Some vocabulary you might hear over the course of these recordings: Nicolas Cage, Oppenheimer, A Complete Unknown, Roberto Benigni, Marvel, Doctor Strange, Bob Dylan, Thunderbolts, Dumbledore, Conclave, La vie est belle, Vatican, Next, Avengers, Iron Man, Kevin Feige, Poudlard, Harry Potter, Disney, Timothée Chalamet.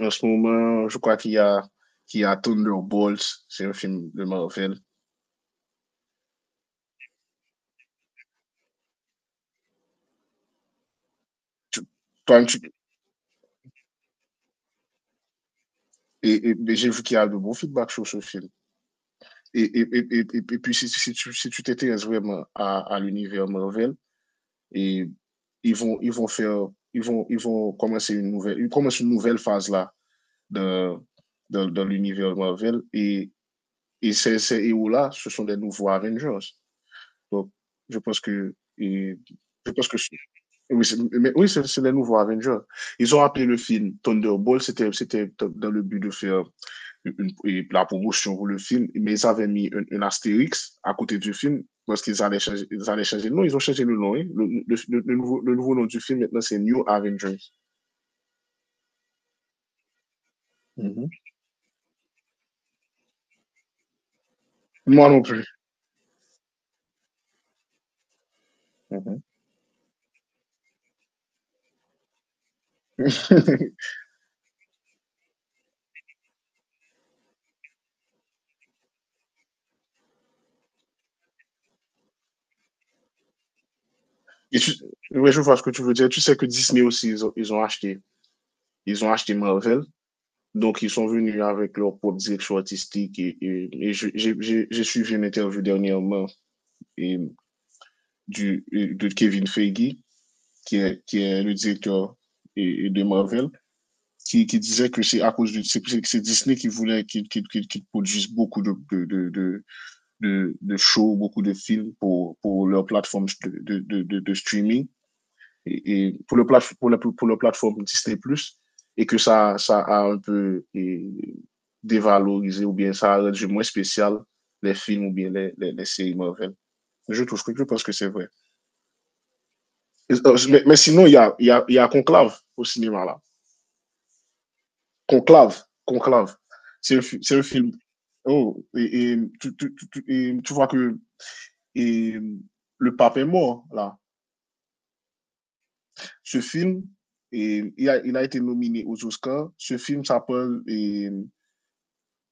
En ce moment, je crois qu'il y a Thunderbolts, c'est un film de Marvel. Tu- toi, tu- et- mais j'ai vu qu'il y a de bons feedbacks sur ce film. Et puis, si tu t'intéresses vraiment à l'univers Marvel, et ils vont, ils vont faire, ils commencent une nouvelle phase là de, de l'univers Marvel. Et ces héros-là, ce sont des nouveaux Avengers. Donc, je pense que, et, je pense que Oui, c'est mais oui, c'est les nouveaux Avengers. Ils ont appelé le film Thunderbolt, c'était dans le but de faire la promotion pour le film, mais ils avaient mis un astérix à côté du film parce qu'ils allaient changer le nom, ils ont changé le nom. Hein. Le nouveau nom du film maintenant, c'est New Avengers. Mhm. Moi non plus. Mhm. Et tu- ouais, je vois ce que tu veux dire. Tu sais que Disney aussi, ils ont acheté Marvel. Donc, ils sont venus avec leur propre direction artistique. J'ai suivi une interview dernièrement et de Kevin Feige, qui est le directeur de Marvel, qui disait que c'est à cause de c'est Disney qui voulait qui produise beaucoup de shows, beaucoup de films pour leur plateforme de streaming et pour, le plate, pour, la, pour leur plateforme Disney Plus et que ça a un peu dévalorisé ou bien ça a rendu moins spécial les films ou bien les séries Marvel. Je pense que c'est vrai. Mais, mais sinon, il y a, il y, a, il y a Conclave au cinéma, là. Conclave, Conclave. C'est un film. Oh, tu vois que et, le pape est mort, là. Ce film, et, il, a, Il a été nominé aux Oscars. Ce film s'appelle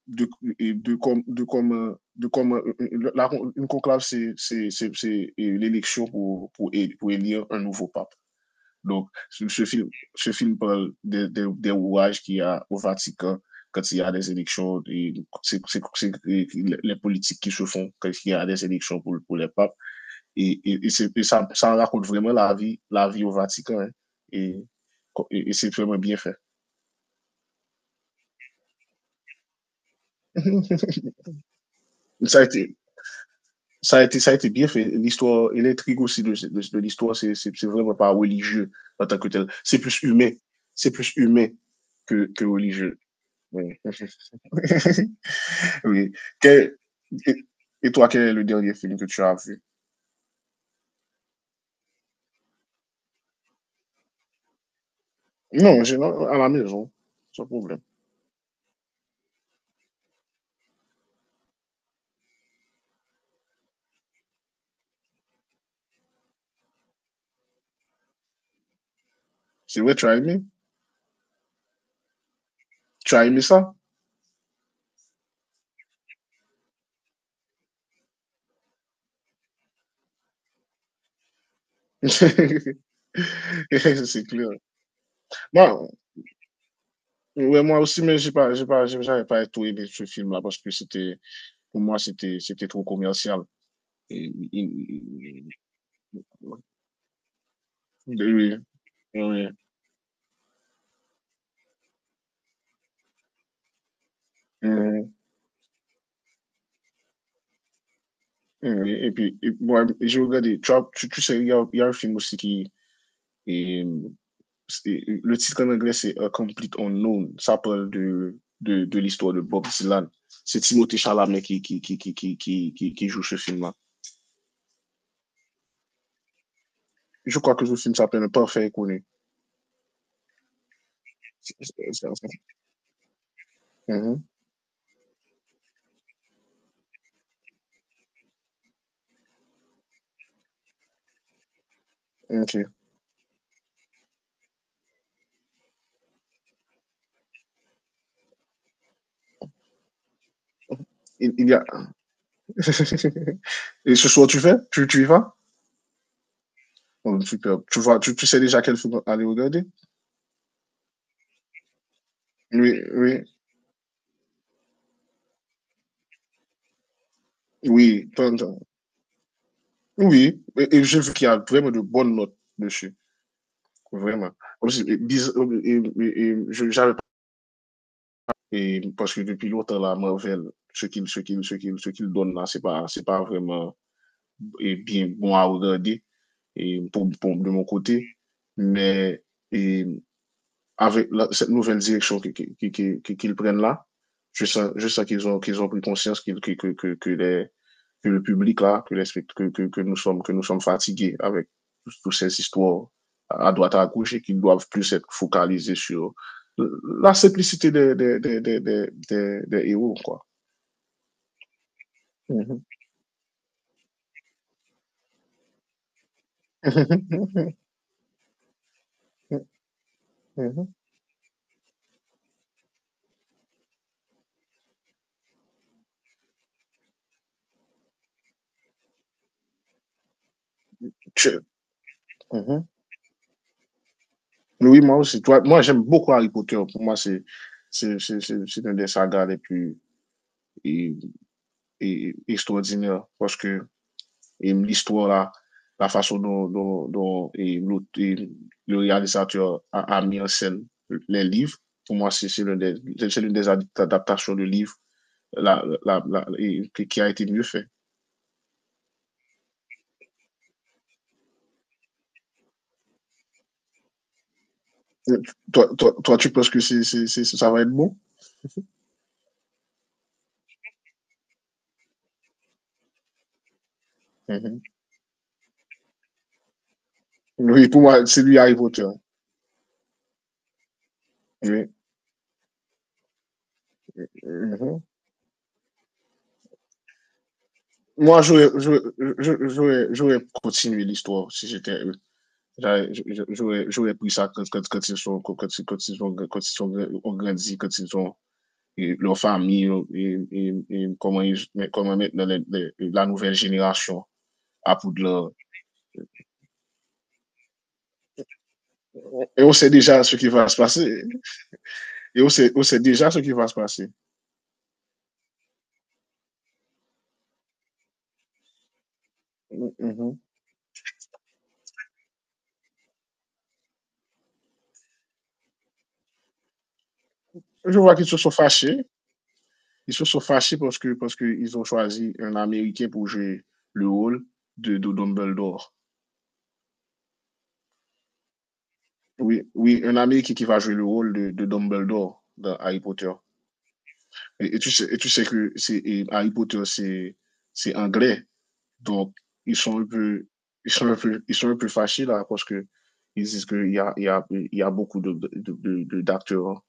de, et de comme, de comme, euh, de comme euh, euh, la- une conclave, c'est l'élection pour élire un nouveau pape. Donc, ce film parle des de rouages qu'il y a au Vatican quand il y a des élections, et c'est les politiques qui se font quand il y a des élections pour les papes. Et ça raconte vraiment la vie au Vatican. Hein. Et, et c'est vraiment bien fait. ça, a été, ça, a été, ça a été bien fait. L'histoire et l'intrigue aussi de l'histoire, c'est vraiment pas religieux en tant que tel. C'est plus humain. C'est plus humain que religieux. Ouais. Oui. Quel- et, et toi, quel est le dernier film que tu as vu? Non, à la maison, sans problème. C'est vrai, tu as aimé? Tu as aimé ça? C'est clair. Moi, ouais, moi aussi, mais j'avais pas tout aimé ce film-là parce que c'était, pour moi, c'était, c'était trop commercial. Et- et- oui, oui, oui, oui. Et puis, moi, j'ai regardé, tu sais, il y a un film aussi qui, le titre en anglais, c'est A Complete Unknown. Ça parle de l'histoire de Bob Dylan. C'est Timothée Chalamet qui joue ce film-là. Je crois que ce film s'appelle Parfait Connu. Mhm. Ok. Il, il y a... Et ce soir, tu y vas? Oh, super. Tu vois, tu sais déjà quel film aller regarder? Oui, oui, oui. Oui, et j'ai vu qu'il y a vraiment de bonnes notes dessus. Vraiment. Comme si- et- et- et- je- J'avais Et parce que depuis longtemps, la Marvel, ce qu'il donne là, c'est pas vraiment bien bon à regarder de mon côté. Mais et avec cette nouvelle direction qu'ils qui prennent là, je sais qu'ils ont pris conscience qu que, les, que le public là, que, les, que nous sommes fatigués avec toutes ces histoires à droite à gauche et qu'ils doivent plus être focalisés sur la simplicité des héros, quoi. Mm -hmm. Mm -hmm. Oui, moi aussi. Toi, moi, j'aime beaucoup Harry Potter. Pour moi, c'est un des sagas les plus et extraordinaire parce que l'histoire là, la façon dont le réalisateur a mis en scène les livres, pour moi, c'est l'une des adaptations de livres qui a été mieux fait. Toi, tu penses que ça va être bon? Mhm. Oui, pour moi, c'est lui Harry Potter. Oui. Mhm. Moi, j'aurais continué l'histoire si j'étais eux. J'aurais pris ça quand, quand, quand, ils sont, quand, quand, quand ils ont, quand ils sont grandi, quand ils ont leur famille et comment maintenant la nouvelle génération à Poudlard. Et on sait déjà ce qui va se passer. Et on sait déjà ce qui va se passer. Mm -hmm. Je vois qu'ils se sont fâchés. Ils se sont fâchés parce qu'ils ont choisi un Américain pour jouer le rôle de Dumbledore. Oui, oui, un Américain qui va jouer le rôle de Dumbledore dans Harry Potter. Et tu sais que c'est, et Harry Potter, c'est anglais. Donc, ils sont un peu, ils sont un peu fâchés là parce que ils disent qu'il y a, il y a, il y a beaucoup d'acteurs hein,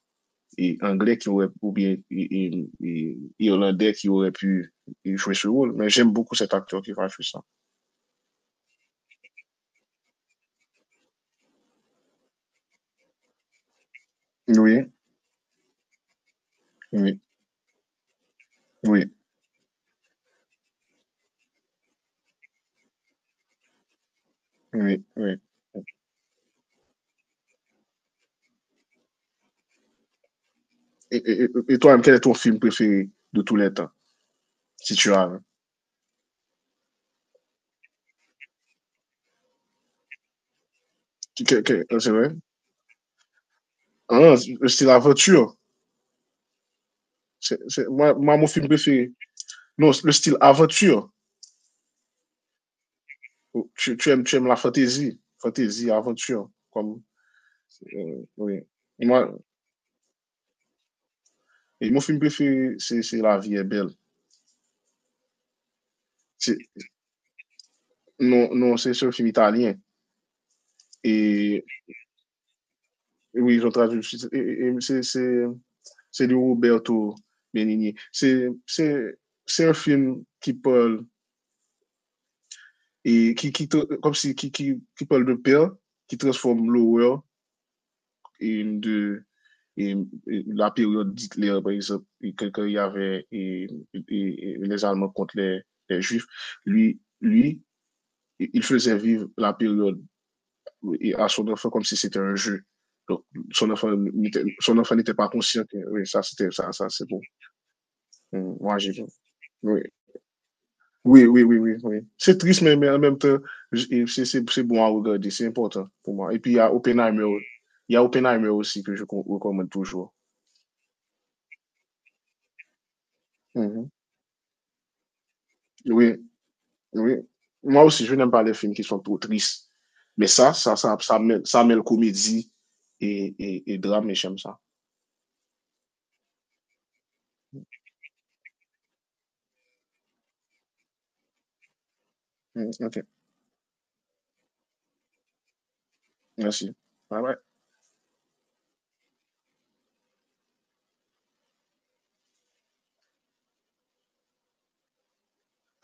anglais ou bien irlandais qui auraient pu jouer ce rôle. Mais j'aime beaucoup cet acteur qui va jouer ça. Oui, oui, oui, oui, oui. Et toi, quel est ton film préféré de tous les temps, si tu as un? C'est vrai? Ah, c'est l'aventure. Moi, mon film préféré. Non, le style aventure. Tu aimes la fantaisie. Fantaisie, aventure. Oui. Moi, mon film préféré, c'est La vie est belle. C'est- Non, non, c'est un film italien. Et oui, j'ai traduit. C'est c'est- c'est de Roberto Benigni. C'est un film qui parle, et qui, comme si, qui parle de père, qui transforme l'horreur de la période d'Hitler, par exemple, quand il y avait les Allemands contre les Juifs, lui, il faisait vivre la période à son enfant comme si c'était un jeu. Donc, son enfant, son enfant n'était pas conscient que oui, ça, c'était ça, ça, c'est bon. Hum. Moi, j'ai Oui. Oui, oui, oui, oui, oui. C'est triste, mais en même temps, c'est bon à regarder, c'est important pour moi. Et puis, il y a Oppenheimer aussi que je recommande toujours. Mm -hmm. Oui, oui. Moi aussi, je n'aime pas les films qui sont trop tristes. Mais ça mêle comédie et drame, et j'aime ça. Mm, ok, merci. Bye bye.